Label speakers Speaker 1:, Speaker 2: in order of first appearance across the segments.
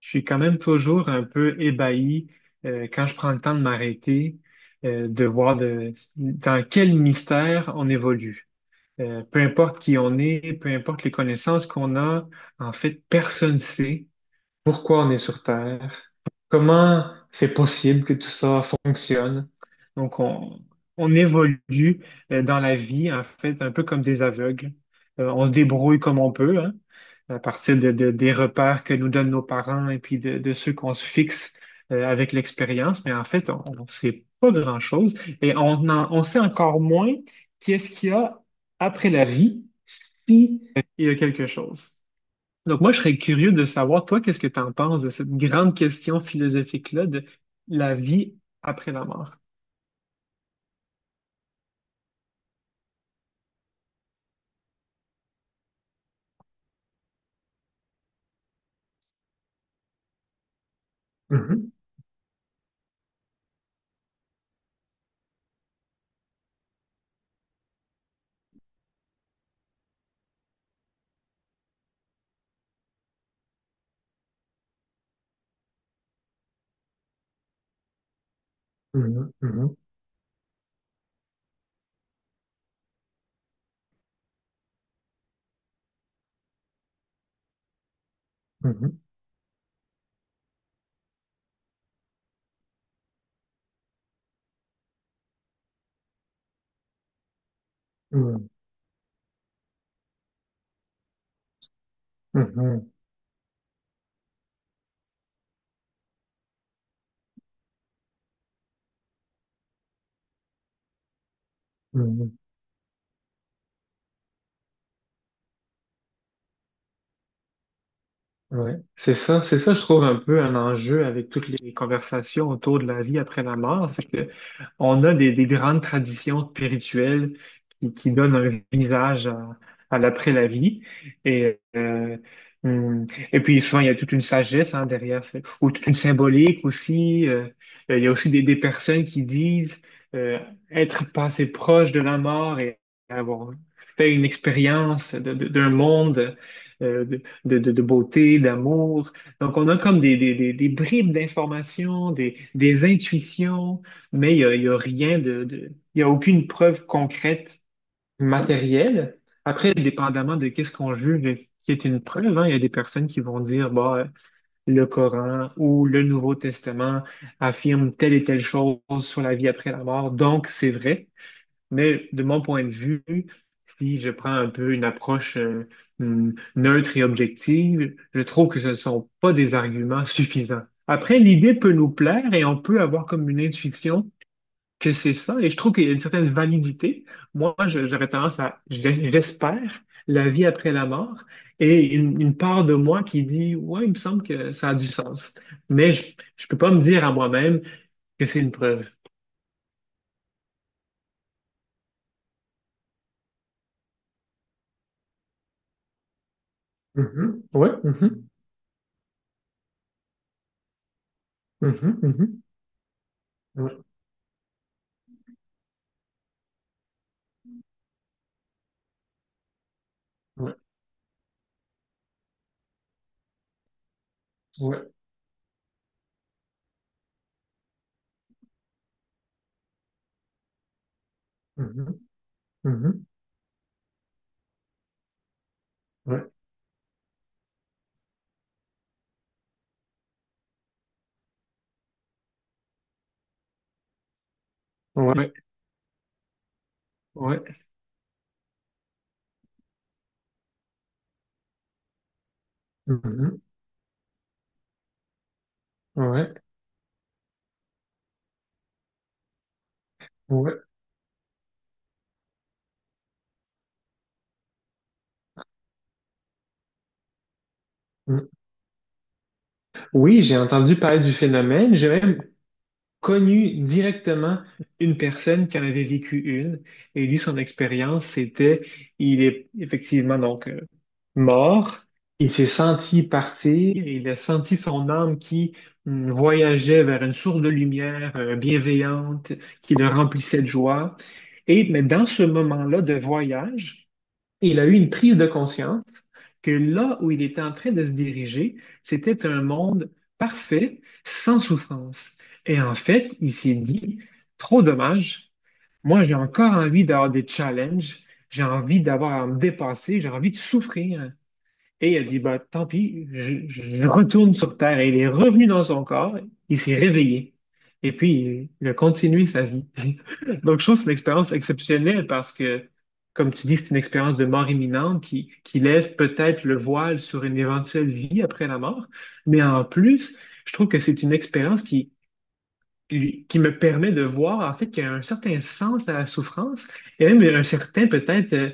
Speaker 1: Je suis quand même toujours un peu ébahi quand je prends le temps de m'arrêter, dans quel mystère on évolue. Peu importe qui on est, peu importe les connaissances qu'on a, en fait, personne ne sait pourquoi on est sur Terre, comment c'est possible que tout ça fonctionne. Donc, on évolue dans la vie, en fait, un peu comme des aveugles. On se débrouille comme on peut, hein, à partir des repères que nous donnent nos parents et puis de ceux qu'on se fixe avec l'expérience. Mais en fait, on ne sait pas grand-chose et on sait encore moins qu'est-ce qu'il y a après la vie, si il y a quelque chose. Donc moi, je serais curieux de savoir, toi, qu'est-ce que tu en penses de cette grande question philosophique-là de la vie après la mort? Mhm, mhm, mhm, mhm, mhm, mhm, mhm. Ouais. C'est ça, je trouve un peu un enjeu avec toutes les conversations autour de la vie après la mort, c'est que on a des grandes traditions spirituelles qui donnent un visage à l'après la vie. Et, euh, hum, et puis souvent, il y a toute une sagesse hein, derrière, ou toute une symbolique aussi. Il y a aussi des personnes qui disent euh, être passé proche de la mort et avoir fait une expérience d'un monde. euh, de beauté, d'amour. Donc, on a comme des bribes d'informations, des intuitions, mais il y a rien il y a aucune preuve concrète, matérielle. Après, dépendamment de qu'est-ce qu'on juge qui est une preuve, hein, il y a des personnes qui vont dire, bah, le Coran ou le Nouveau Testament affirme telle et telle chose sur la vie après la mort, donc c'est vrai. Mais de mon point de vue, si je prends un peu une approche neutre et objective, je trouve que ce ne sont pas des arguments suffisants. Après, l'idée peut nous plaire et on peut avoir comme une intuition que c'est ça. Et je trouve qu'il y a une certaine validité. Moi, j'aurais tendance à j'espère, la vie après la mort et une part de moi qui dit, ouais, il me semble que ça a du sens. Mais je ne peux pas me dire à moi-même que c'est une preuve. Mhm. Ouais, mhm. Mhm, mhm. Ouais, ouais. Ouais. Mhm. Mhm. Ouais. Ouais. Ouais. Mhm. Ouais. Ouais. Mhm. Oui, j'ai entendu parler du phénomène. J'ai même connu directement une personne qui en avait vécu une. Et lui, son expérience, il est effectivement donc mort. Il s'est senti partir. Il a senti son âme qui voyageait vers une source de lumière bienveillante qui le remplissait de joie. Mais dans ce moment-là de voyage, Et il a eu une prise de conscience que là où il était en train de se diriger, c'était un monde parfait, sans souffrance. Et en fait, il s'est dit, trop dommage, moi j'ai encore envie d'avoir des challenges, j'ai envie d'avoir à me dépasser, j'ai envie de souffrir. Et il a dit, bah, tant pis, je retourne sur Terre. Et il est revenu dans son corps, il s'est réveillé. Et puis, il a continué sa vie. Donc, je trouve que c'est une expérience exceptionnelle parce que, comme tu dis, c'est une expérience de mort imminente qui laisse peut-être le voile sur une éventuelle vie après la mort. Mais en plus, je trouve que c'est une expérience qui me permet de voir, en fait, qu'il y a un certain sens à la souffrance et même un certain, peut-être, euh,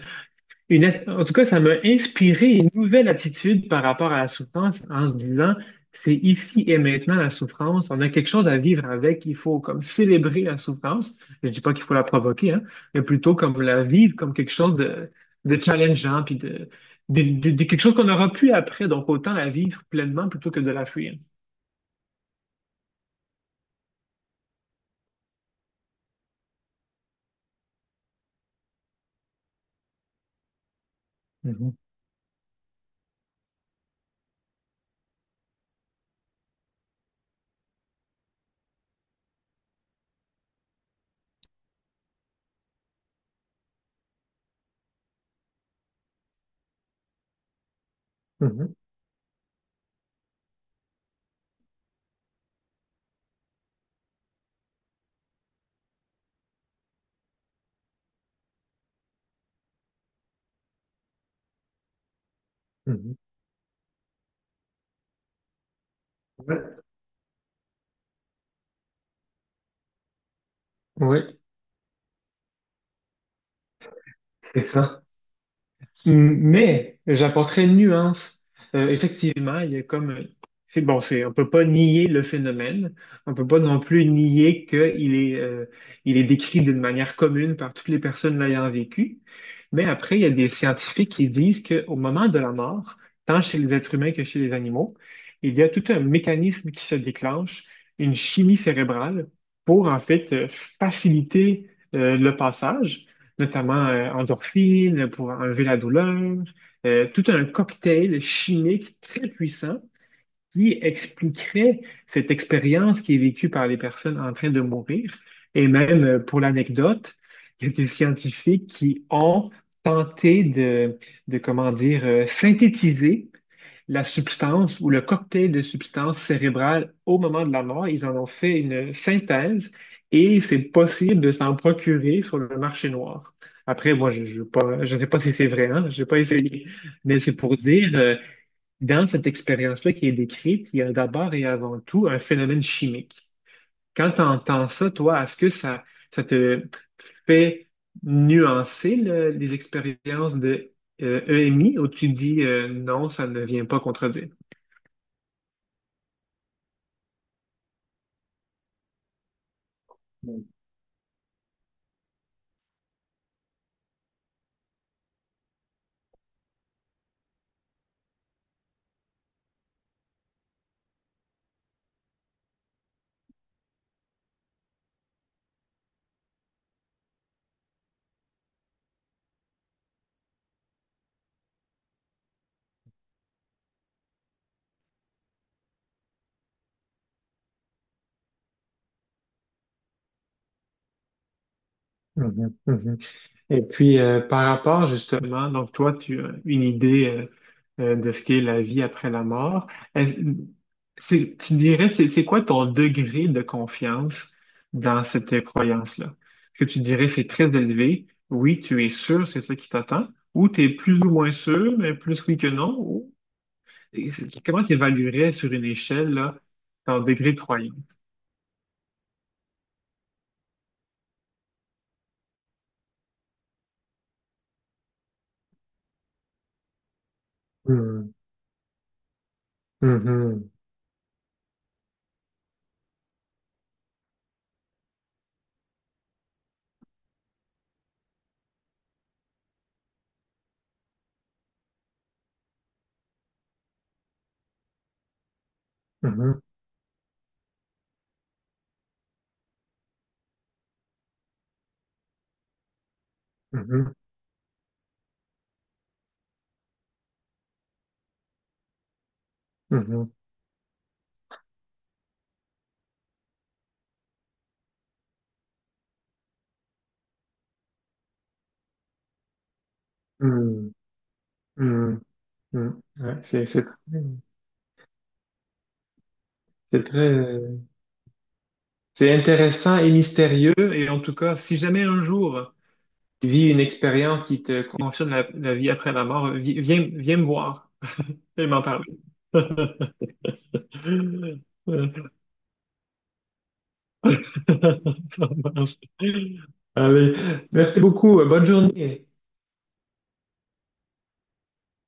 Speaker 1: une at- en tout cas, ça m'a inspiré une nouvelle attitude par rapport à la souffrance en se disant, c'est ici et maintenant la souffrance. On a quelque chose à vivre avec. Il faut comme célébrer la souffrance. Je dis pas qu'il faut la provoquer, hein, mais plutôt comme la vivre comme quelque chose de challengeant, puis de quelque chose qu'on aura pu après. Donc, autant la vivre pleinement plutôt que de la fuir. Mhm, mhm, mhm. Ouais, Oui, c'est ça. Mais j'apporterai une nuance. Effectivement, il y a comme c'est bon, c'est on peut pas nier le phénomène, on peut pas non plus nier qu'il est il est décrit d'une manière commune par toutes les personnes l'ayant vécu. Mais après, il y a des scientifiques qui disent qu'au moment de la mort, tant chez les êtres humains que chez les animaux, il y a tout un mécanisme qui se déclenche, une chimie cérébrale pour en fait faciliter le passage notamment endorphines pour enlever la douleur, tout un cocktail chimique très puissant qui expliquerait cette expérience qui est vécue par les personnes en train de mourir. Et même, pour l'anecdote, il y a des scientifiques qui ont tenté de synthétiser la substance ou le cocktail de substances cérébrales au moment de la mort. Ils en ont fait une synthèse et c'est possible de s'en procurer sur le marché noir. Après, moi, veux pas, je ne sais pas si c'est vrai, hein, je n'ai pas essayé, mais c'est pour dire, dans cette expérience-là qui est décrite, il y a d'abord et avant tout un phénomène chimique. Quand tu entends ça, toi, est-ce que ça te fait nuancer les expériences de EMI ou tu dis non, ça ne vient pas contredire? Mhm, mhm. Et puis, par rapport justement, donc toi, tu as une idée de ce qu'est la vie après la mort. est Tu dirais, c'est quoi ton degré de confiance dans cette croyance-là? Est-ce que tu dirais c'est très élevé? Oui, tu es sûr, c'est ça qui t'attend? Ou tu es plus ou moins sûr, mais plus oui que non? Comment tu évaluerais sur une échelle, là, ton degré de croyance? Mhm, mhm, mhm, mhm, mhm, mhm, mhm. Mm. Ouais, c'est c'est très, c'est très, c'est intéressant et mystérieux. Et en tout cas, si jamais un jour tu vis une expérience qui te confirme la vie après la mort, viens me voir et m'en parler. Ça marche. Allez, merci beaucoup. Bonne journée.